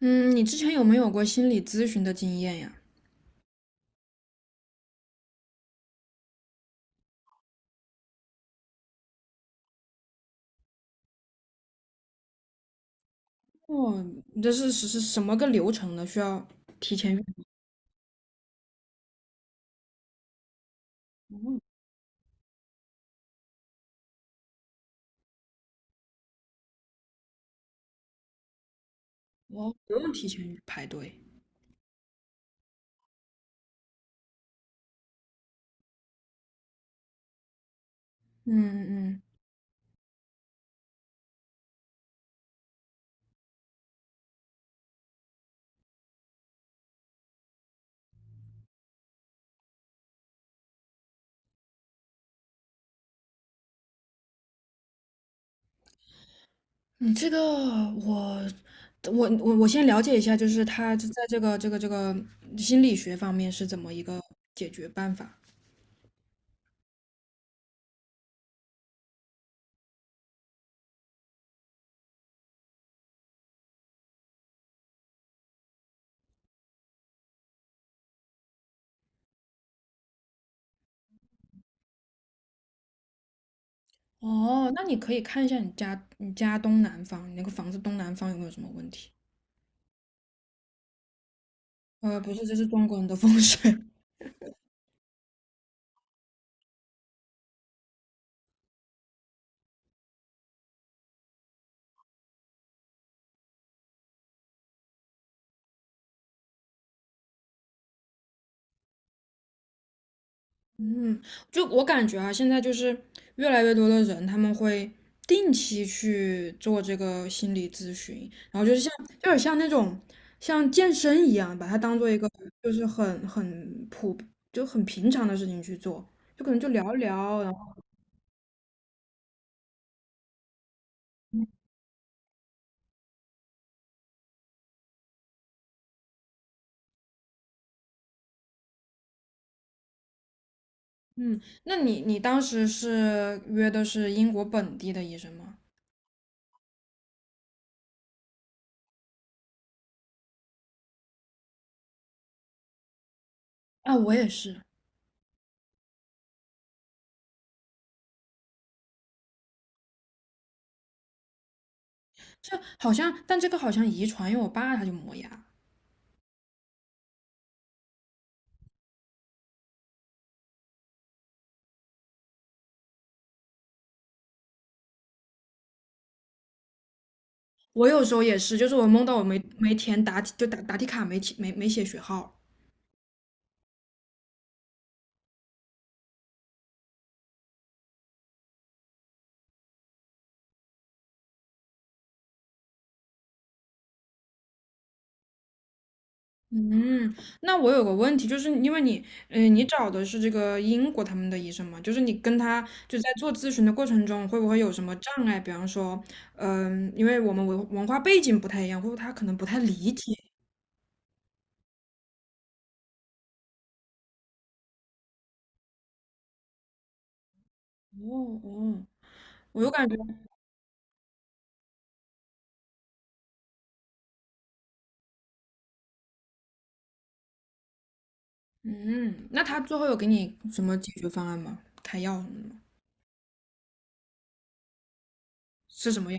嗯，你之前有没有过心理咨询的经验呀？哦，你这是什么个流程呢？需要提前预哦，不用提前预排队。嗯嗯，你这个我我先了解一下，就是他在这个心理学方面是怎么一个解决办法？哦，那你可以看一下你家东南方，你那个房子东南方有没有什么问题？呃，不是，这是中国人的风水。嗯，就我感觉啊，现在就是越来越多的人，他们会定期去做这个心理咨询，然后就是像，有点像那种像健身一样，把它当做一个就是很很普就很平常的事情去做，就可能就聊一聊，然后嗯，那你你当时是约的是英国本地的医生吗？啊，我也是，这好像，但这个好像遗传，因为我爸他就磨牙。我有时候也是，就是我梦到我没填答题，就答题卡没填没没写学号。嗯，那我有个问题，就是因为你，你找的是这个英国他们的医生嘛，就是你跟他就在做咨询的过程中，会不会有什么障碍？比方说，因为我们文化背景不太一样，或者他可能不太理解。哦哦，我就感觉，嗯，那他最后有给你什么解决方案吗？开药什么的吗？是什么药？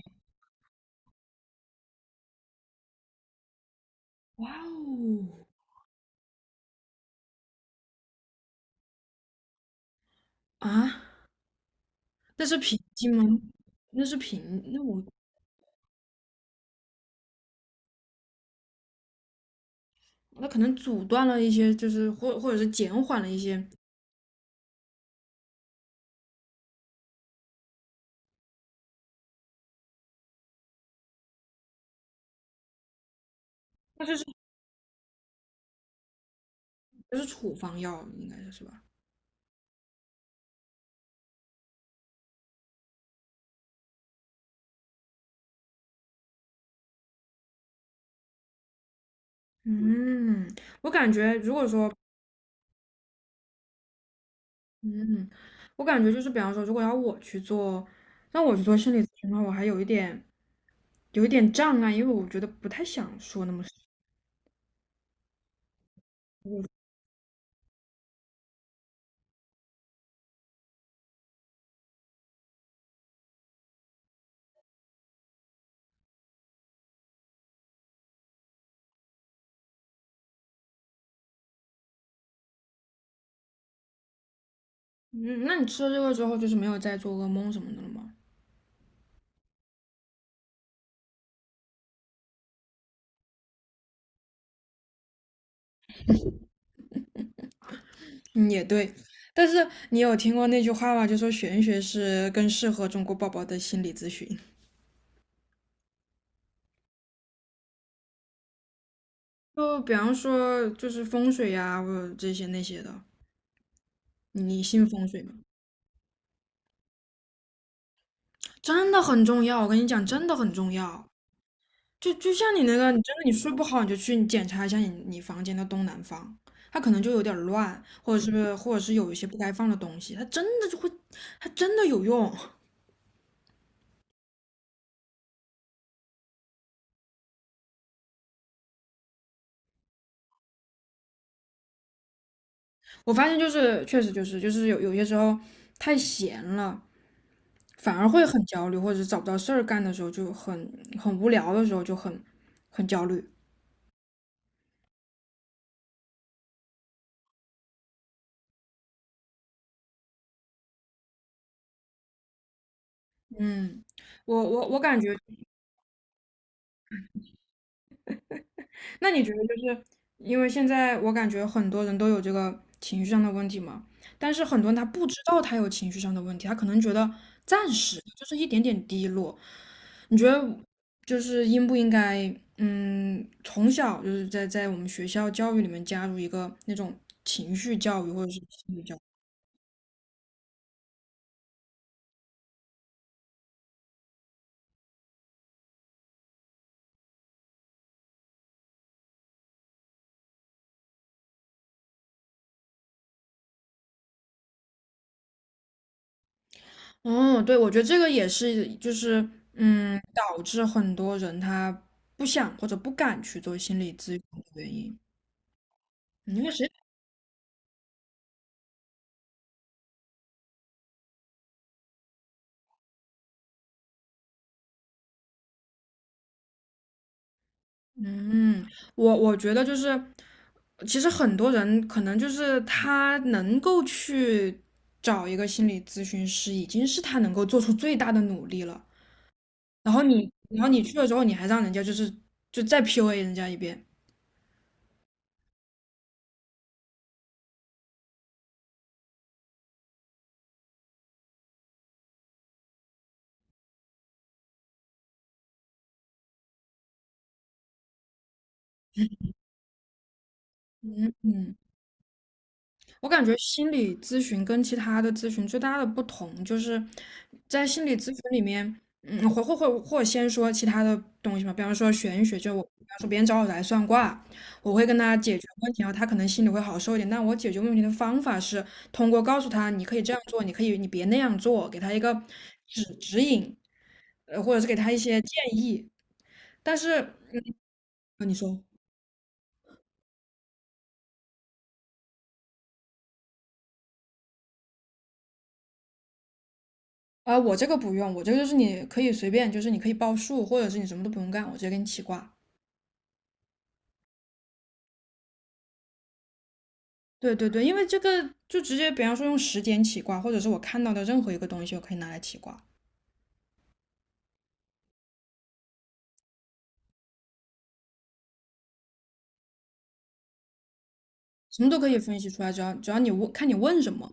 哇哦，啊！那是平颈吗？那是平，那我那可能阻断了一些，就是或者是减缓了一些，那就是就是处方药，应该是是吧？嗯，我感觉如果说，嗯，我感觉就是比方说，如果要我去做，让我去做心理咨询的话，我还有一点障碍，因为我觉得不太想说那么。嗯，那你吃了这个之后，就是没有再做噩梦什么的了吗？嗯，也对。但是你有听过那句话吗？就说玄学是更适合中国宝宝的心理咨询。就比方说，就是风水呀，或者这些那些的，你信风水吗？真的很重要，我跟你讲，真的很重要。就就像你那个，你真的你睡不好，你就去你检查一下你房间的东南方，它可能就有点儿乱，或者是有一些不该放的东西，它真的就会，它真的有用。我发现就是确实有有些时候太闲了，反而会很焦虑，或者是找不到事儿干的时候就很很无聊的时候就很很焦虑。嗯，我感觉，那你觉得就是因为现在我感觉很多人都有这个情绪上的问题嘛，但是很多人他不知道他有情绪上的问题，他可能觉得暂时的就是一点点低落。你觉得就是应不应该，嗯，从小就是在我们学校教育里面加入一个那种情绪教育或者是心理哦，对，我觉得这个也是，就是嗯，导致很多人他不想或者不敢去做心理咨询的原因。嗯因为谁？嗯，我觉得就是，其实很多人可能就是他能够去找一个心理咨询师，已经是他能够做出最大的努力了。然后你，然后你去了之后，你还让人家就是就再 PUA 人家一遍。嗯。我感觉心理咨询跟其他的咨询最大的不同，就是在心理咨询里面，嗯，或先说其他的东西嘛，比方说玄学，就我比方说别人找我来算卦，我会跟他解决问题，然后他可能心里会好受一点。但我解决问题的方法是通过告诉他，你可以这样做，你可以你别那样做，给他一个指引，呃，或者是给他一些建议。但是，呃你说。啊，我这个不用，我这个就是你可以随便，就是你可以报数，或者是你什么都不用干，我直接给你起卦。对对对，因为这个就直接，比方说用时间起卦，或者是我看到的任何一个东西，我可以拿来起卦，什么都可以分析出来，只要你问，看你问什么，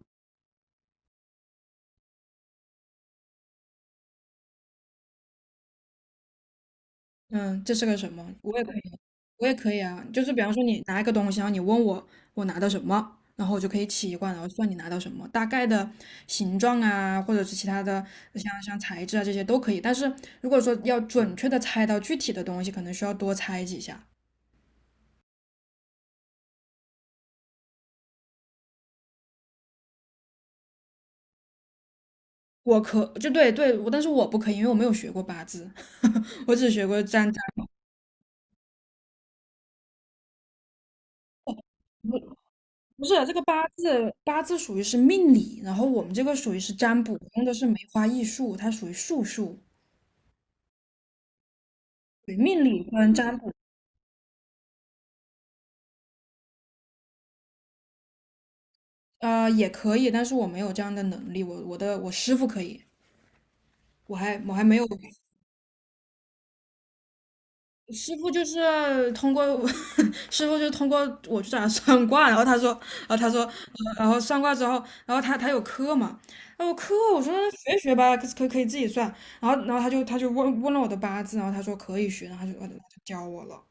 嗯，这是个什么，我也可以，我也可以啊，就是比方说你拿一个东西，然后你问我我拿到什么，然后我就可以起一卦，然后算你拿到什么，大概的形状啊，或者是其他的像材质啊这些都可以，但是如果说要准确的猜到具体的东西，可能需要多猜几下。我可就对对，我但是我不可以，因为我没有学过八字，我只学过占。不不是这个八字，八字属于是命理，然后我们这个属于是占卜，用的是梅花易数，它属于术数。对，命理跟占卜，啊呃也可以，但是我没有这样的能力，我师傅可以，我还没有，师傅就是通过 师傅就是通过我去找他算卦，然后他说，然后他说，呃然后算卦之后，然后他他有课嘛，他后课我说学一学吧，可以自己算，然后他就问了我的八字，然后他说可以学，然后他就教我了。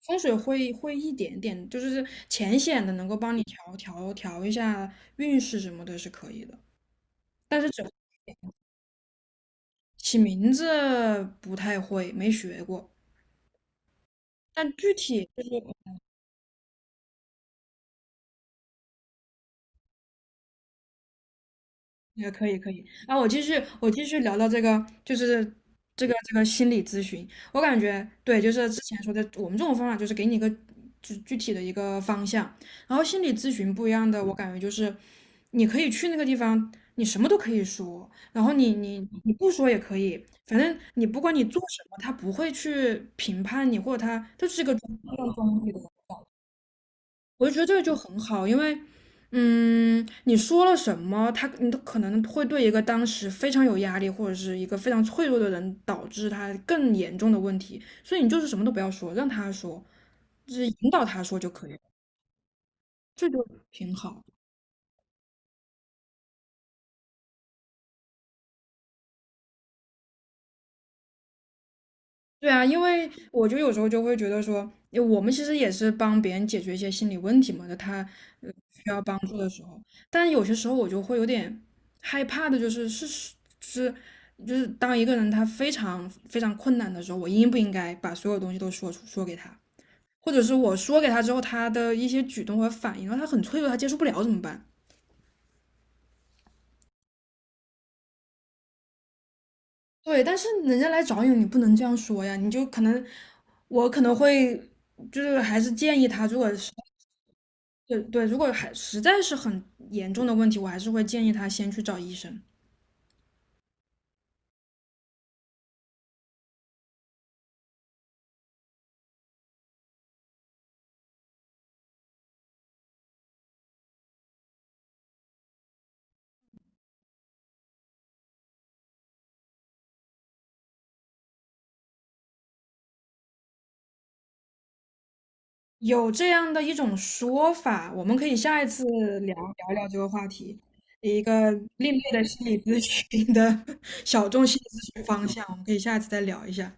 风水会一点点，就是浅显的能够帮你调一下运势什么的，是可以的。但是只起名字不太会，没学过。但具体就是也可以可以啊，我继续聊到这个，就是这个心理咨询，我感觉对，就是之前说的，我们这种方法就是给你一个具体的一个方向，然后心理咨询不一样的，我感觉就是你可以去那个地方，你什么都可以说，然后你不说也可以，反正你不管你做什么，他不会去评判你，或者他他就是一个中中立的。我就觉得这个就很好，因为，嗯，你说了什么，他你都可能会对一个当时非常有压力或者是一个非常脆弱的人，导致他更严重的问题，所以你就是什么都不要说，让他说，就是引导他说就可以了这就挺好。对啊，因为我就有时候就会觉得说，因为我们其实也是帮别人解决一些心理问题嘛，就他呃需要帮助的时候，但有些时候我就会有点害怕的、就是，是，就是当一个人他非常非常困难的时候，我应不应该把所有东西都说出说给他，或者是我说给他之后，他的一些举动和反应，然后他很脆弱，他接受不了怎么办？对，但是人家来找你，你不能这样说呀，你就可能我可能会就是还是建议他，如果是。对对，如果还实在是很严重的问题，我还是会建议他先去找医生。有这样的一种说法，我们可以下一次聊聊这个话题，一个另类的心理咨询的 小众心理咨询方向，我们可以下一次再聊一下。